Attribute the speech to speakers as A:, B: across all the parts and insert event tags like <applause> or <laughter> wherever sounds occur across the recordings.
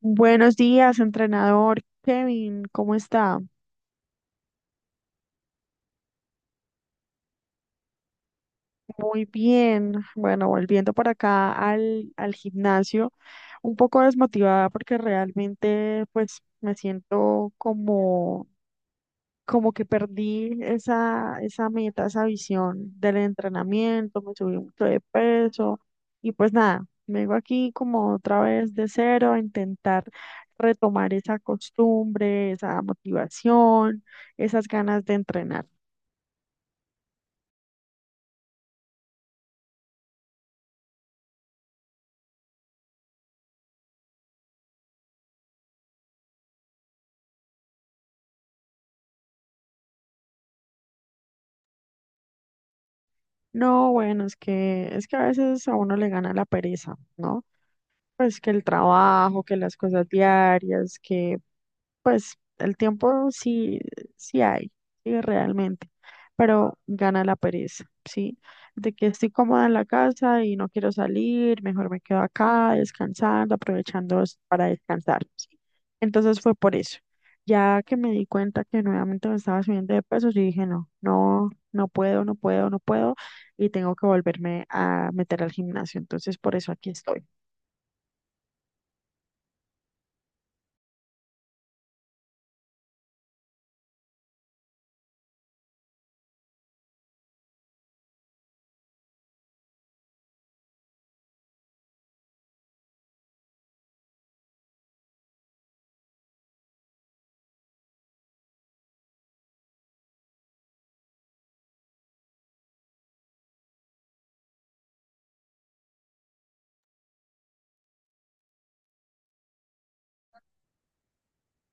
A: Buenos días, entrenador Kevin, ¿cómo está? Muy bien. Bueno, volviendo por acá al gimnasio, un poco desmotivada porque realmente pues me siento como que perdí esa meta, esa visión del entrenamiento. Me subí mucho de peso y pues nada, vengo aquí como otra vez de cero a intentar retomar esa costumbre, esa motivación, esas ganas de entrenar. No, bueno, es que a veces a uno le gana la pereza, ¿no? Pues que el trabajo, que las cosas diarias, que pues el tiempo sí, sí hay, sí realmente, pero gana la pereza, ¿sí? De que estoy cómoda en la casa y no quiero salir, mejor me quedo acá descansando, aprovechando para descansar, ¿sí? Entonces fue por eso. Ya que me di cuenta que nuevamente me estaba subiendo de pesos yo dije, no, no, no puedo, no puedo, no puedo, y tengo que volverme a meter al gimnasio. Entonces por eso aquí estoy.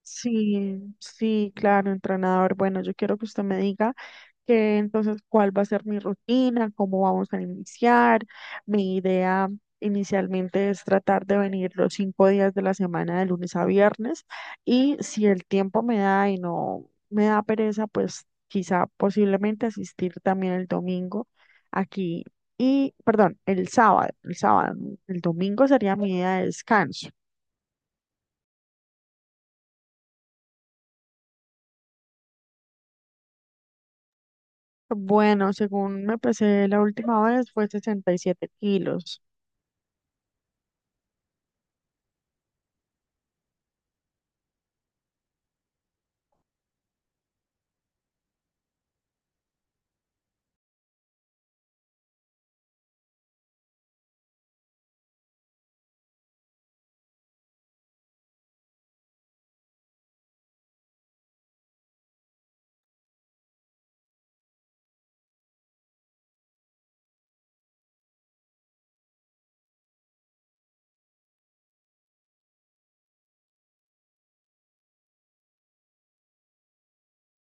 A: Sí, sí, claro, entrenador. Bueno, yo quiero que usted me diga que entonces cuál va a ser mi rutina, cómo vamos a iniciar. Mi idea inicialmente es tratar de venir los 5 días de la semana, de lunes a viernes, y si el tiempo me da y no me da pereza, pues quizá posiblemente asistir también el domingo aquí. Y, perdón, el sábado, ¿no? El domingo sería mi día de descanso. Bueno, según me pesé la última vez fue 67 kilos.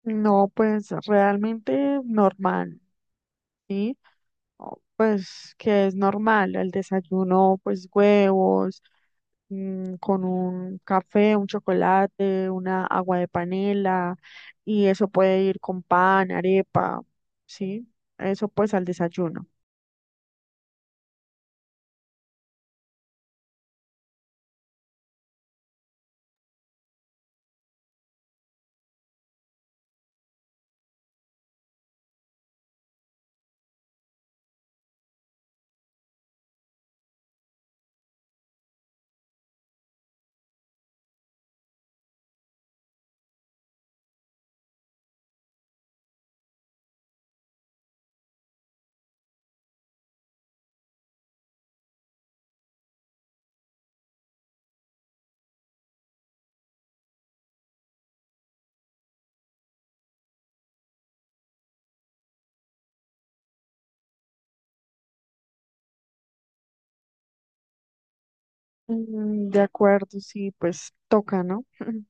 A: No, pues realmente normal, ¿sí? Pues que es normal, el desayuno, pues huevos, con un café, un chocolate, una agua de panela, y eso puede ir con pan, arepa, ¿sí? Eso pues al desayuno. Mm, de acuerdo, sí, pues toca, ¿no? <laughs>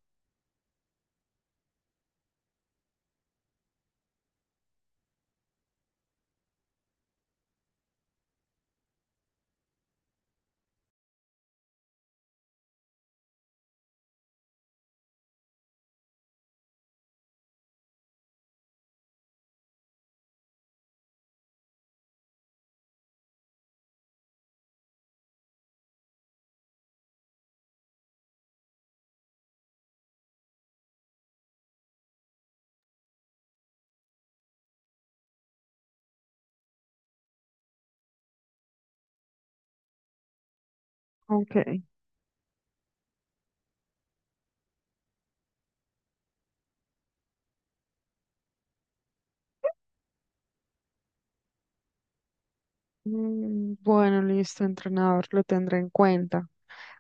A: Ok. Mm, bueno, listo, entrenador, lo tendré en cuenta.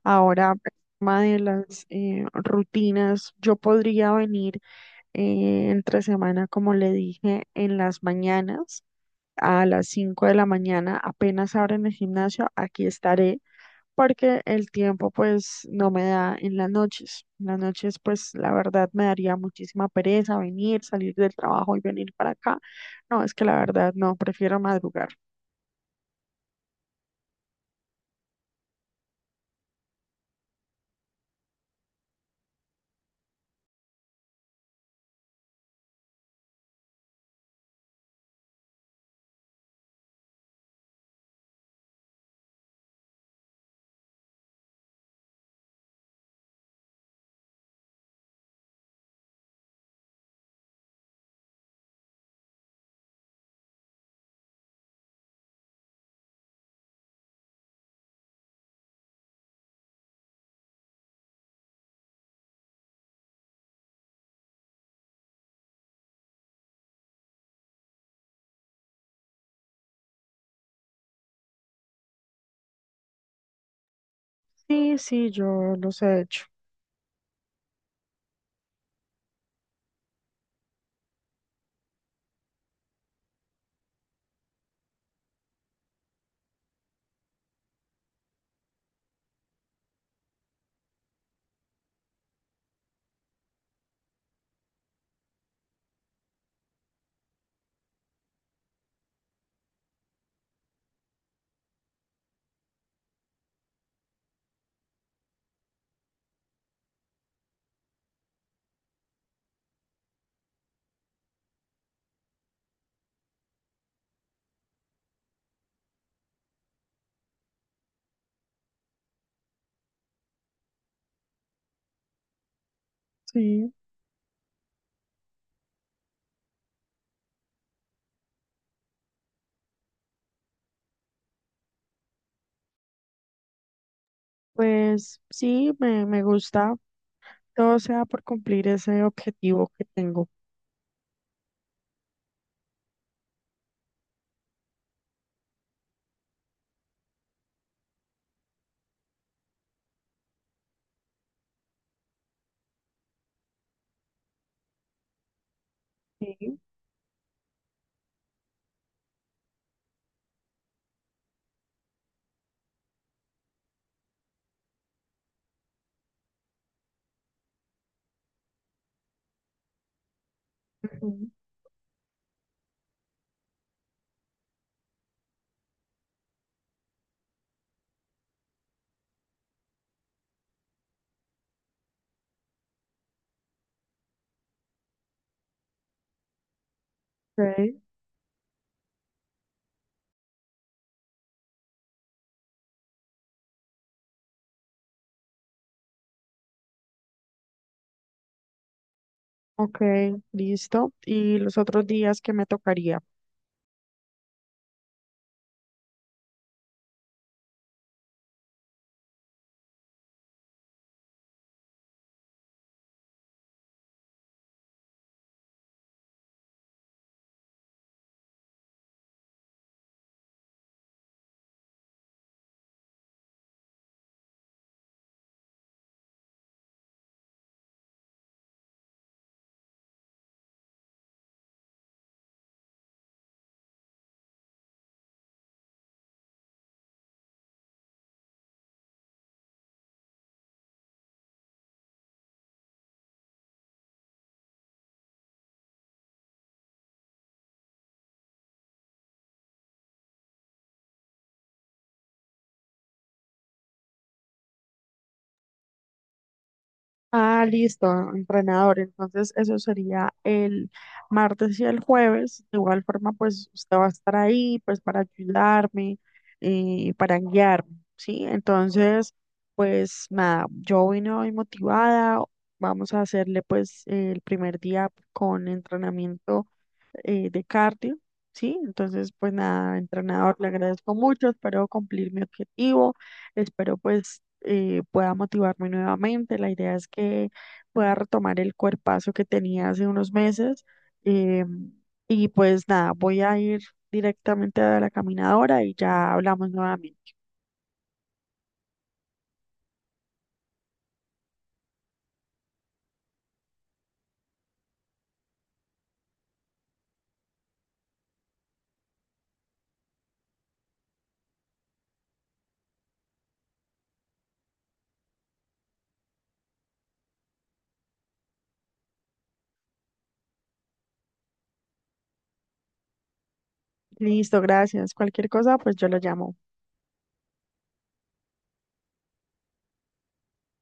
A: Ahora, el tema de las rutinas, yo podría venir entre semana, como le dije, en las mañanas, a las 5 de la mañana, apenas abren el gimnasio, aquí estaré, porque el tiempo pues no me da en las noches. En las noches pues la verdad me daría muchísima pereza venir, salir del trabajo y venir para acá. No, es que la verdad no, prefiero madrugar. Sí, sí, yo los he hecho. Sí, pues sí, me gusta. Todo sea por cumplir ese objetivo que tengo. Sí. Ujú. Ok, ok, listo. ¿Y los otros días que me tocaría? Ah, listo, entrenador. Entonces, eso sería el martes y el jueves. De igual forma, pues usted va a estar ahí, pues para ayudarme, para guiarme, ¿sí? Entonces, pues nada, yo vine hoy motivada. Vamos a hacerle pues el primer día con entrenamiento de cardio, ¿sí? Entonces, pues nada, entrenador, le agradezco mucho, espero cumplir mi objetivo, espero pues pueda motivarme nuevamente, la idea es que pueda retomar el cuerpazo que tenía hace unos meses eh, y pues nada, voy a ir directamente a la caminadora y ya hablamos nuevamente. Listo, gracias. Cualquier cosa, pues yo lo llamo.